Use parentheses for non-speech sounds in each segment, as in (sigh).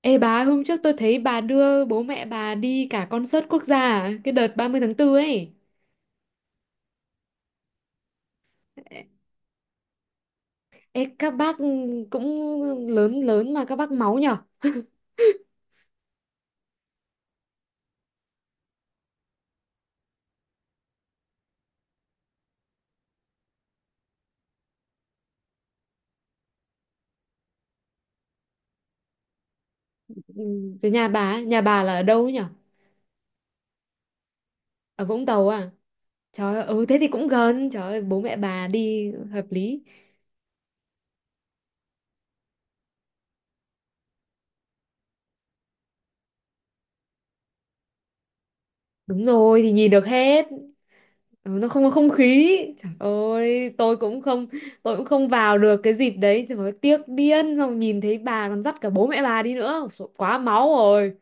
Ê bà, hôm trước tôi thấy bà đưa bố mẹ bà đi cả concert quốc gia à? Cái đợt 30 tháng 4 ấy. Ê, các bác cũng lớn lớn mà các bác máu nhở? (laughs) Ừ. Rồi nhà bà, ấy, nhà bà là ở đâu ấy nhở? Ở Vũng Tàu à? Trời ơi, ừ thế thì cũng gần, trời ơi, bố mẹ bà đi hợp lý. Đúng rồi, thì nhìn được hết. Ừ, nó không có không khí. Trời ơi, tôi cũng không vào được cái dịp đấy, trời ơi, tiếc điên xong nhìn thấy bà còn dắt cả bố mẹ bà đi nữa. Ôi, dồi, quá máu rồi.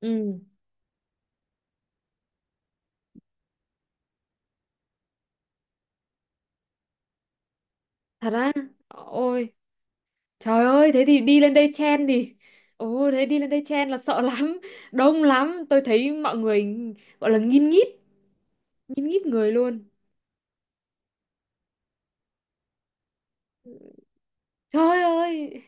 Ừ. Thật á? Ôi, trời ơi, thế thì đi lên đây chen thì... Ồ, thế đi lên đây chen là sợ (laughs) lắm, đông lắm. Tôi thấy mọi người gọi là nghìn nghít người luôn. Trời ơi,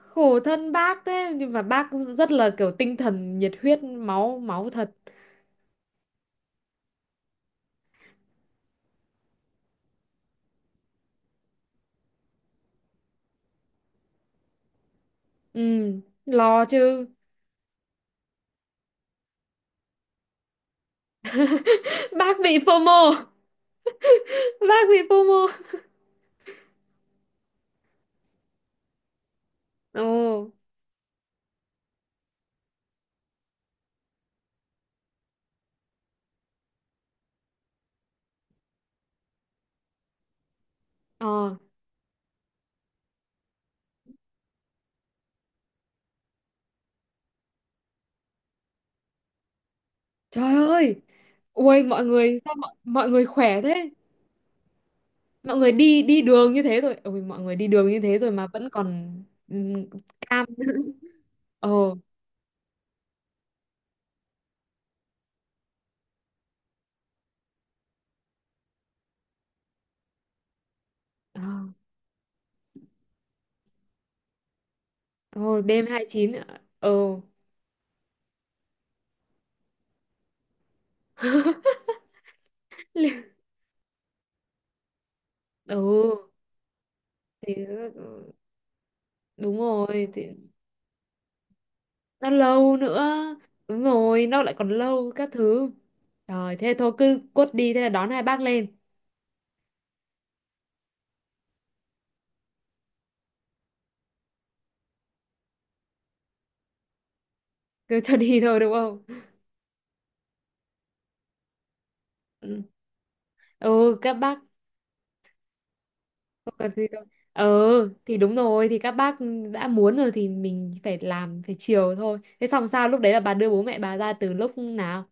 khổ thân bác thế. Nhưng mà bác rất là kiểu tinh thần, nhiệt huyết, máu, máu thật. Ừ, lo chứ. (laughs) Bác bị FOMO, bác bị FOMO. Ồ, ờ, trời ơi. Ui, mọi người, sao mọi người khỏe thế? Mọi người đi đi đường như thế rồi ôi mọi người đi đường như thế rồi mà vẫn còn ừm, cam. (laughs) Ồ. ờ, Ồ, đêm 29 ạ. Ồ. (laughs) Liệu- ừ thì ờ, ờ, đúng rồi thì nó lâu nữa, đúng rồi nó lại còn lâu các thứ. Rồi thế thôi cứ cốt đi, thế là đón hai bác lên. Cứ cho đi thôi đúng không. Ừ. Ừ, các bác không cần gì đâu. Ờ thì đúng rồi thì các bác đã muốn rồi thì mình phải làm phải chiều thôi. Thế xong sao lúc đấy là bà đưa bố mẹ bà ra từ lúc nào?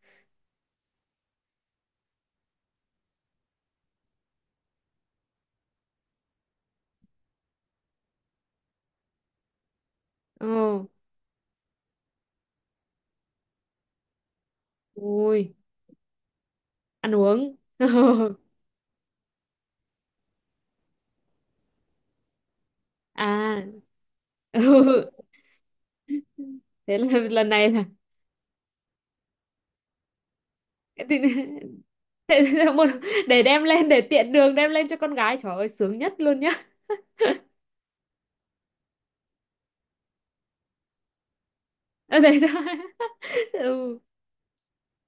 Ờ. Ui. Ăn uống. (laughs) À. Ừ. Thế là lần này là (laughs) thì- thế là một để đem lên, để tiện đường đem lên cho con gái, trời ơi sướng nhất luôn nhá. (laughs) Ờ, để cho. Ừ.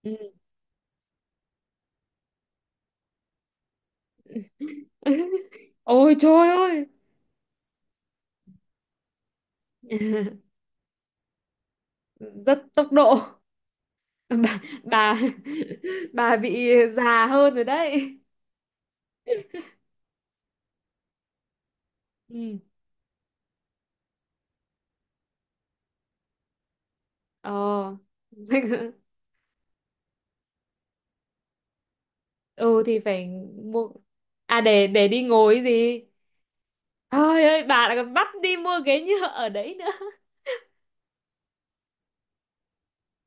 Ừ. (laughs) Ôi trời ơi. (laughs) Rất tốc độ. (laughs) Bà. (laughs) bà bị già hơn rồi đấy. Ừ. Ờ. (laughs) Ừ thì phải mua. À để đi ngồi gì? Ơi ơi bà lại còn bắt đi mua ghế nhựa ở đấy nữa.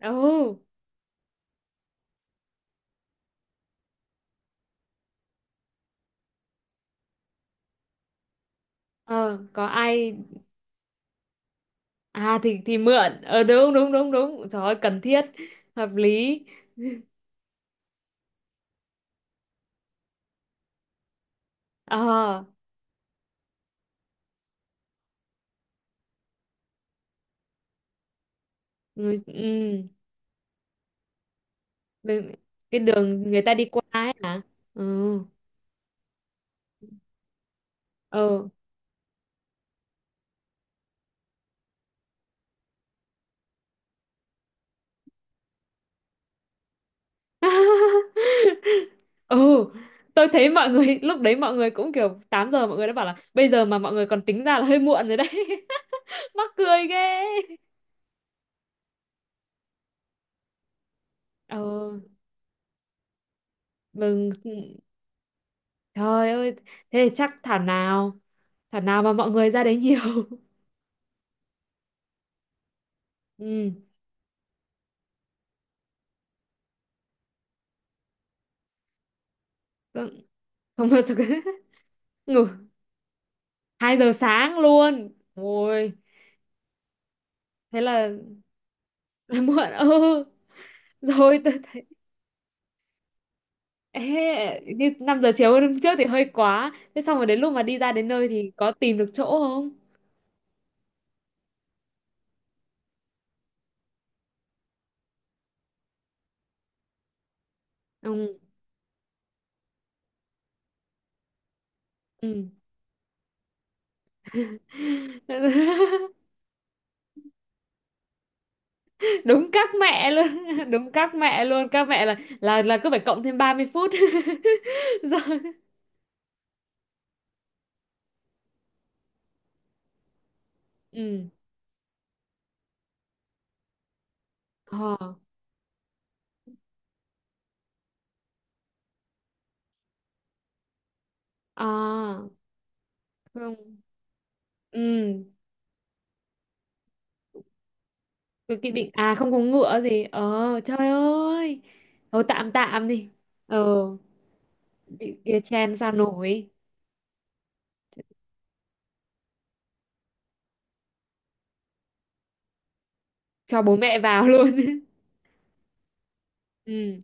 Ừ. Ờ có ai. À thì mượn, ờ đúng đúng đúng đúng, trời ơi, cần thiết, hợp lý. Ờ người. Ừ bên- cái đường người ta đi qua ấy hả? Ừ. Ờ. (laughs) Ừ. Tôi thấy mọi người lúc đấy, mọi người cũng kiểu 8 giờ mọi người đã bảo là bây giờ mà mọi người còn tính ra là hơi muộn rồi đấy. (laughs) Mắc cười ghê. Ờ mừng. Trời ơi, thế thì chắc thảo nào, thảo nào mà mọi người ra đấy nhiều. (laughs) Ừ. Không, không bao giờ. (laughs) Ngủ hai giờ sáng luôn, ôi. Thế là, (laughs) là muộn, ừ. (laughs) Rồi tôi. Ê, như 5 giờ chiều hôm trước thì hơi quá. Thế xong rồi đến lúc mà đi ra đến nơi thì có tìm được chỗ không? Ừ. Ừ. (laughs) Đúng các mẹ luôn. (laughs) Đúng các mẹ luôn, các mẹ là cứ phải cộng thêm ba mươi phút. (laughs) Rồi. Ừ. Ờ. À không. Ừ cực kỳ định, à không có ngựa gì, ờ trời ơi. Thôi tạm tạm đi. Ờ bị kia chen sao nổi. Cho bố mẹ vào luôn. (laughs) Ừ.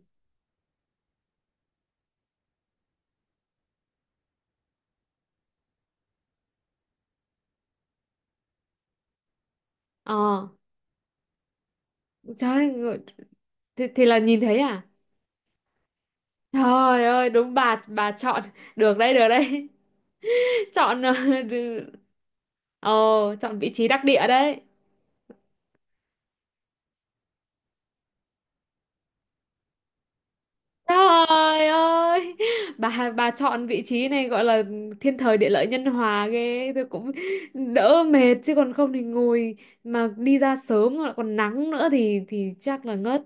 Ờ. Trời ơi, thì là nhìn thấy à? Trời ơi, đúng bà chọn được đấy, được đấy. (laughs) Chọn ờ, đừ- Ồ, chọn vị trí đắc địa đấy. Trời ơi, bà chọn vị trí này gọi là thiên thời địa lợi nhân hòa ghê, tôi cũng đỡ mệt chứ còn không thì ngồi mà đi ra sớm lại còn nắng nữa thì chắc là ngất.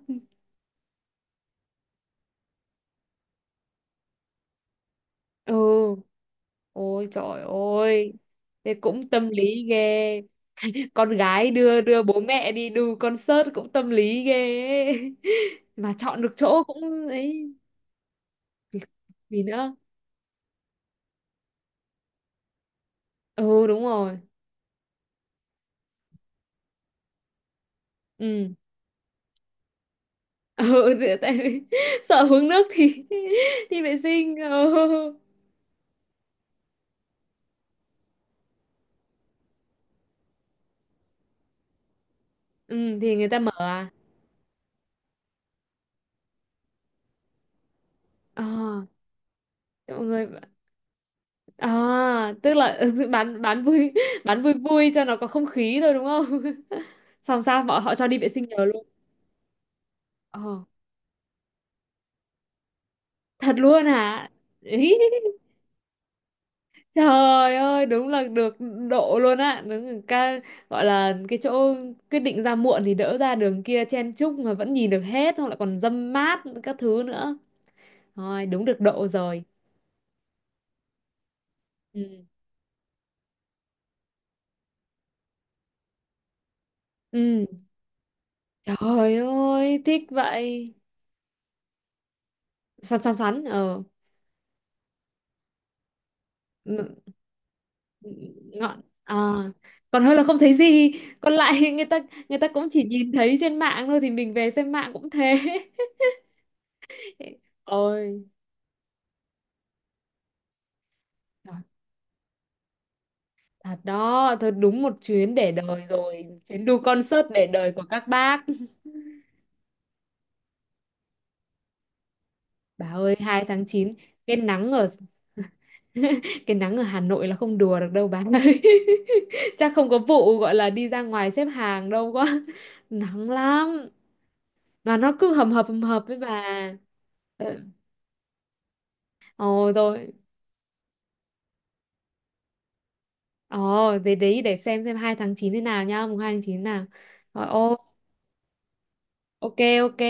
Ừ, ôi trời ơi, thế cũng tâm lý ghê. Con gái đưa đưa bố mẹ đi đu concert cũng tâm lý ghê ấy. (laughs) Mà chọn được chỗ cũng ấy. Gì nữa. Ừ đúng rồi. Ừ. (laughs) Ừ thì- tại vì (laughs) sợ hướng nước thì (laughs) đi vệ sinh, ừ. Ừ thì người ta mở à? Ờ mọi người. À tức là (laughs) bán vui. (laughs) Bán vui vui cho nó có không khí thôi đúng không? (laughs) Xong sao bọn họ cho đi vệ sinh nhờ luôn? Ờ thật luôn hả? (laughs) Trời ơi, đúng là được độ luôn á, đúng là ca, gọi là cái chỗ quyết định ra muộn thì đỡ ra đường kia chen chúc mà vẫn nhìn được hết, xong lại còn dâm mát các thứ nữa. Thôi, đúng được độ rồi. Ừ. Ừ. Trời ơi, thích vậy. Xoắn xoắn xoắn, ờ ng- ngọn à? Còn hơn là không thấy gì, còn lại (laughs) người ta, người ta cũng chỉ nhìn thấy trên mạng thôi thì mình về xem mạng cũng thế. (laughs) Ôi. Thật đó, thật đúng một chuyến để đời rồi, chuyến đu concert để đời của các bác. (laughs) Bà ơi, 2 tháng chín, cái nắng ở (laughs) cái nắng ở Hà Nội là không đùa được đâu bà ơi. (laughs) Chắc không có vụ gọi là đi ra ngoài xếp hàng đâu quá. (laughs) Nắng lắm. Mà nó cứ hầm hập với bà. Ờ. Ồ rồi. Ồ, thế đấy để xem 2 tháng 9 thế nào nhá, mùng 2 tháng 9 nào. Rồi, ô, ok ok.